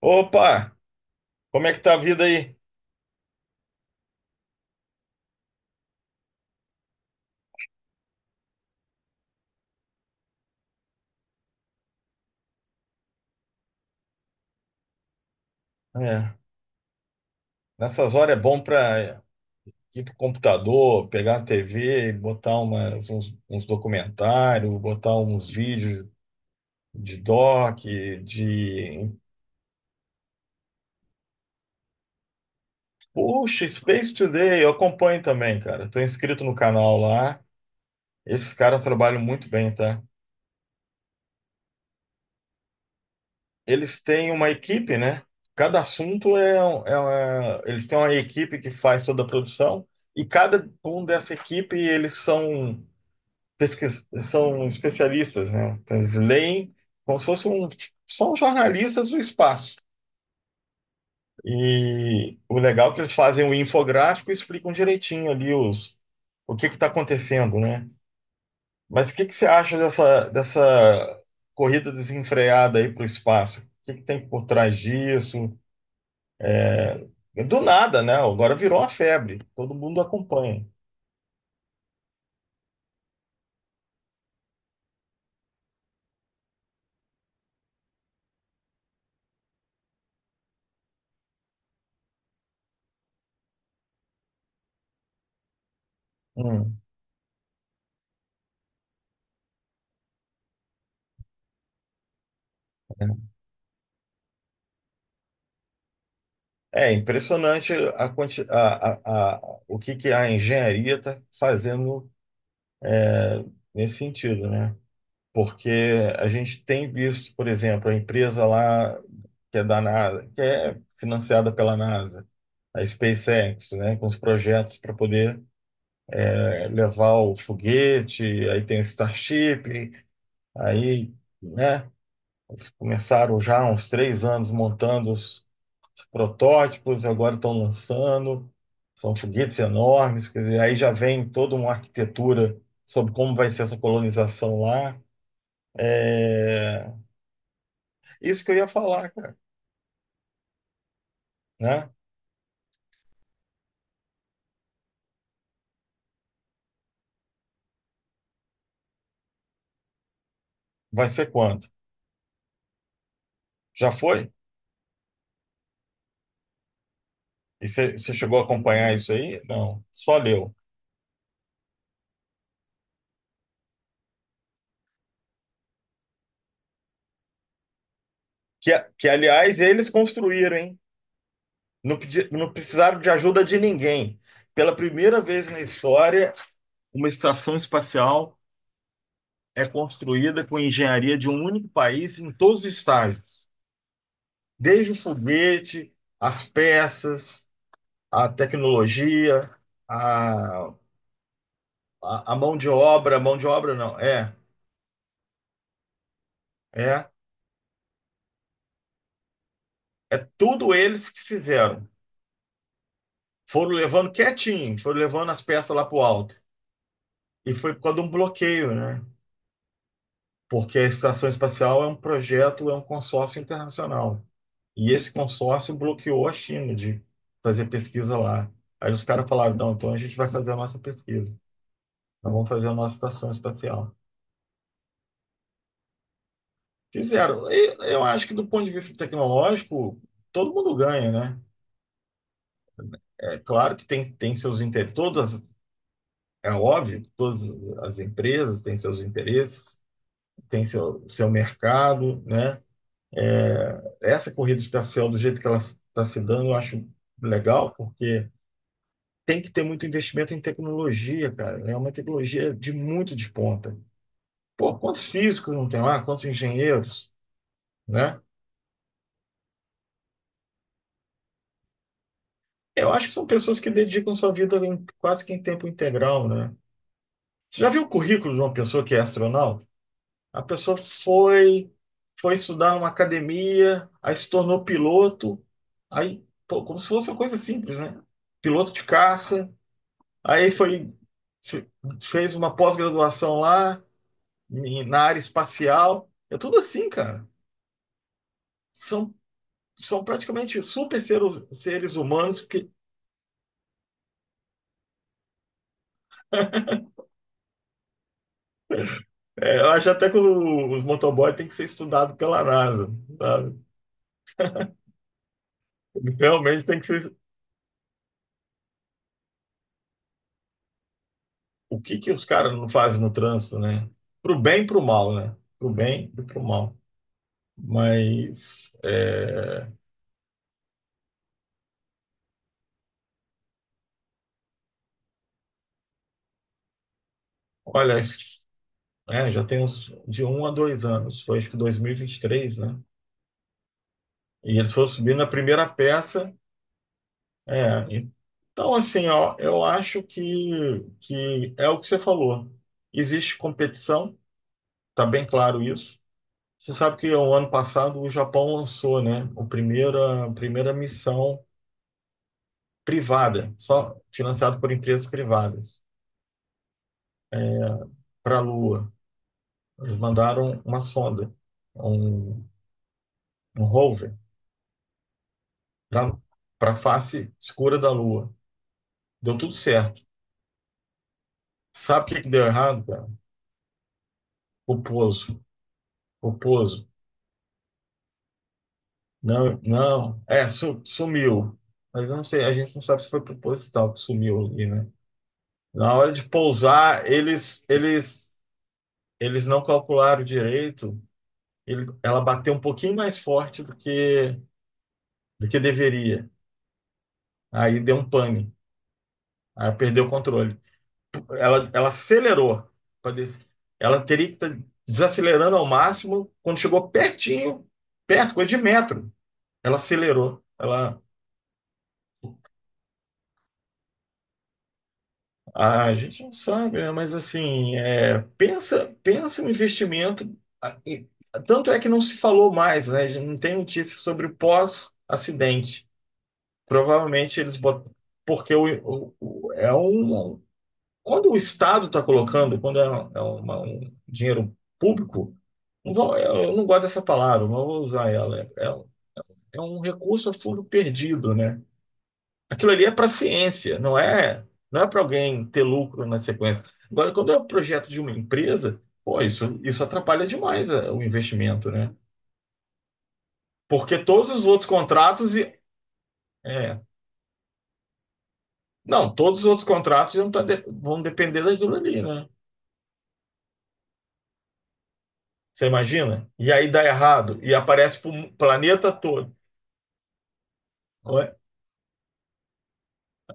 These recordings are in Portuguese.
Opa, como é que tá a vida aí? É, nessas horas é bom para ir pro computador, pegar a TV, botar uns documentários, botar uns vídeos de doc, de... Puxa, Space Today, eu acompanho também, cara. Tô inscrito no canal lá. Esses caras trabalham muito bem, tá? Eles têm uma equipe, né? Cada assunto é, um- é uma... Eles têm uma equipe que faz toda a produção, e cada um dessa equipe, eles são especialistas, né? Então, eles leem, como se fossem um- são jornalistas do espaço. E o legal é que eles fazem o infográfico e explicam direitinho ali o que está acontecendo, né? Mas o que que você acha dessa corrida desenfreada aí para o espaço? O que que tem por trás disso? Do nada, né? Agora virou uma febre, todo mundo acompanha. Hum. É impressionante a, quanti- a- o que a engenharia está fazendo nesse sentido, né? Porque a gente tem visto, por exemplo, a empresa lá que é da NASA, que é financiada pela NASA, a SpaceX, né, com os projetos para poder levar o foguete, aí tem o Starship, aí, né, eles começaram já há uns 3 anos montando os protótipos, agora estão lançando, são foguetes enormes, quer dizer, aí já vem toda uma arquitetura sobre como vai ser essa colonização lá. É, isso que eu ia falar, cara, né? Vai ser quando? Já foi? E você chegou a acompanhar isso aí? Não, só leu. Que aliás, eles construíram, hein? Não, não precisaram de ajuda de ninguém. Pela primeira vez na história, uma estação espacial é construída com engenharia de um único país em todos os estágios, desde o foguete, as peças, a tecnologia, a, a mão de obra não, é É tudo eles que fizeram. Foram levando quietinho, foram levando as peças lá para o alto. E foi por causa de um bloqueio, né? Porque a Estação Espacial é um projeto, é um consórcio internacional. E esse consórcio bloqueou a China de fazer pesquisa lá. Aí os caras falaram, não, então a gente vai fazer a nossa pesquisa. Nós vamos fazer a nossa estação espacial. Fizeram. E eu acho que, do ponto de vista tecnológico, todo mundo ganha, né? É claro que tem seus interesses, todas É óbvio que todas as empresas têm seus interesses, têm seu mercado, né? Essa corrida espacial, do jeito que ela está se dando, eu acho legal, porque tem que ter muito investimento em tecnologia, cara. É uma tecnologia de muito de ponta. Pô, quantos físicos não tem lá? Quantos engenheiros, né? Eu acho que são pessoas que dedicam sua vida quase que em tempo integral, né? Você já viu o currículo de uma pessoa que é astronauta? A pessoa foi estudar numa academia, aí se tornou piloto, aí, pô, como se fosse uma coisa simples, né? Piloto de caça, aí fe- fez uma pós-graduação lá, na área espacial. É tudo assim, cara. São, são praticamente super seres, seres humanos, eu acho até que os motoboys têm que ser estudados pela NASA, sabe? Realmente tem que ser, o que que os caras não fazem no trânsito, né? Pro bem e pro mal, né? Pro bem e pro mal. Mas, olha, acho que já tem uns de 1 a 2 anos, foi acho que 2023, né? E eles foram subindo a primeira peça. É, então, assim, ó, eu acho que é o que você falou. Existe competição, tá bem claro isso. Você sabe que o ano passado o Japão lançou, né, a primeira missão privada, só financiado por empresas privadas, para a Lua. Eles mandaram uma sonda, um, um rover, para a face escura da Lua. Deu tudo certo. Sabe o que que deu errado, cara? Poposo. Poposo. Não, não. É, sumiu. Mas eu não sei, a gente não sabe se foi proposital que sumiu ali, né? Na hora de pousar, eles não calcularam direito. Ele, ela bateu um pouquinho mais forte do que deveria. Aí deu um pane. Aí perdeu o controle. Ela acelerou. pra des- Ela teria que estar desacelerando ao máximo. Quando chegou pertinho, perto, coisa de metro, ela acelerou. Ah, a gente não sabe, né? Mas assim, pensa no investimento. Ah, Tanto é que não se falou mais, né? Não tem notícia sobre o pós-acidente. Provavelmente eles botaram. Porque o- o- é um, quando o Estado está colocando, quando é um dinheiro público, eu não gosto dessa palavra, não vou usar ela. É um recurso a fundo perdido, né? Aquilo ali é para ciência, não é para alguém ter lucro na sequência. Agora, quando é um projeto de uma empresa, pô, isso atrapalha demais o investimento, né? Porque todos os outros contratos é, não, todos os outros contratos vão, vão depender daquilo ali, né? Você imagina? E aí dá errado, e aparece para o planeta todo.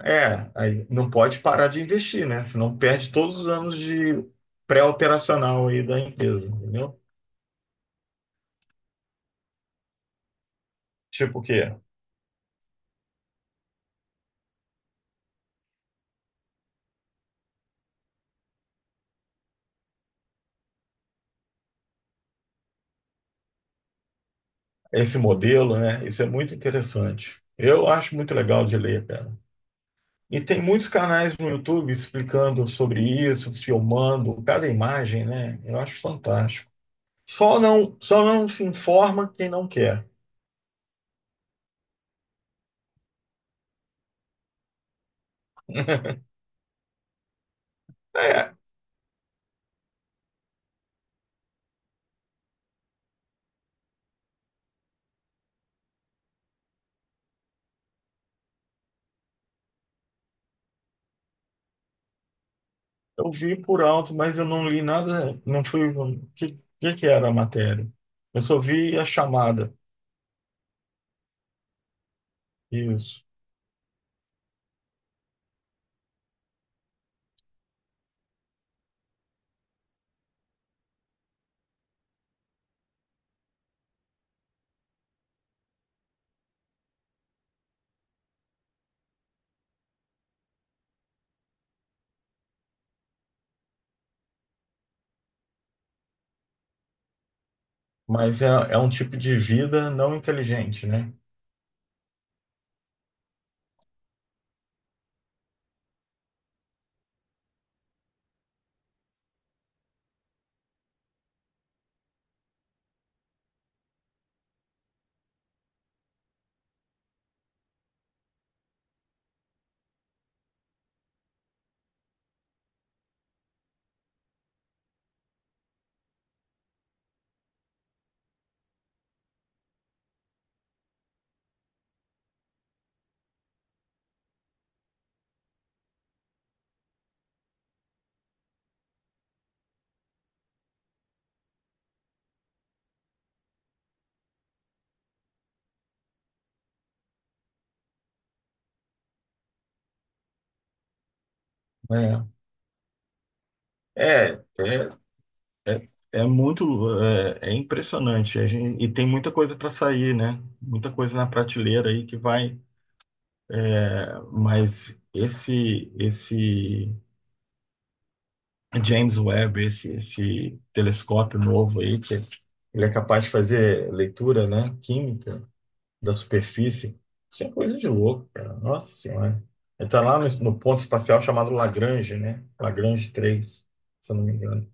É, aí não pode parar de investir, né? Senão perde todos os anos de pré-operacional aí da empresa, entendeu? Tipo o quê? Esse modelo, né? Isso é muito interessante. Eu acho muito legal de ler, cara. E tem muitos canais no YouTube explicando sobre isso, filmando cada imagem, né? Eu acho fantástico. Só não se informa quem não quer. É, eu vi por alto, mas eu não li nada, não fui. O que que era a matéria? Eu só vi a chamada. Isso. Mas é um tipo de vida não inteligente, né? É, é, é, é, é muito impressionante. A gente, e tem muita coisa para sair, né? Muita coisa na prateleira aí que vai. Mas esse James Webb, esse telescópio novo aí, que ele é capaz de fazer leitura, né? Química, da superfície. Isso é coisa de louco, cara. Nossa Senhora. Ele está lá no ponto espacial chamado Lagrange, né? Lagrange 3, se eu não me engano.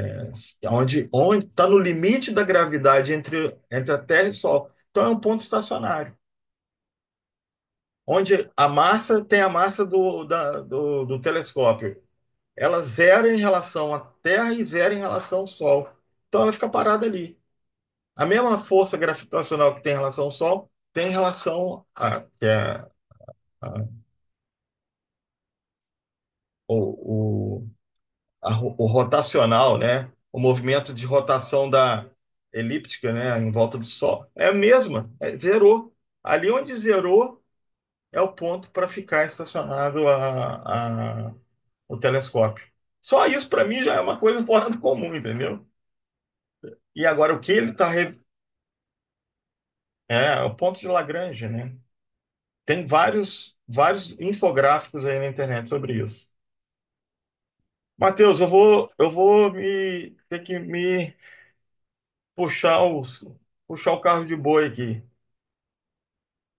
É, onde está no limite da gravidade entre a Terra e o Sol. Então é um ponto estacionário. Onde a massa tem a massa do telescópio. Ela zera em relação à Terra e zera em relação ao Sol. Então ela fica parada ali. A mesma força gravitacional que tem em relação ao Sol tem em relação a, que é a o, a ro- o rotacional, né? O movimento de rotação da elíptica, né? Em volta do Sol. É a mesma, zerou. Ali onde zerou é o ponto para ficar estacionado o telescópio. Só isso para mim já é uma coisa fora do comum, entendeu? E agora o que ele está. É, o ponto de Lagrange, né? Tem vários infográficos aí na internet sobre isso. Matheus, eu vou me ter que me puxar os, puxar o carro de boi aqui.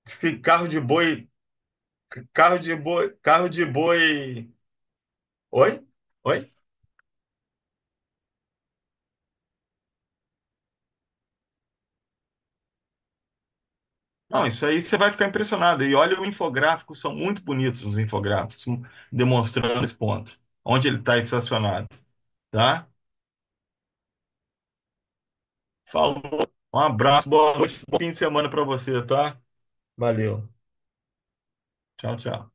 Diz que carro de boi, carro de boi, carro de boi. Oi? Oi? Não, isso aí você vai ficar impressionado. E olha o infográfico, são muito bonitos os infográficos, demonstrando esse ponto, onde ele está estacionado, tá? Falou. Um abraço, boa noite, bom fim de semana para você, tá? Valeu. Tchau, tchau.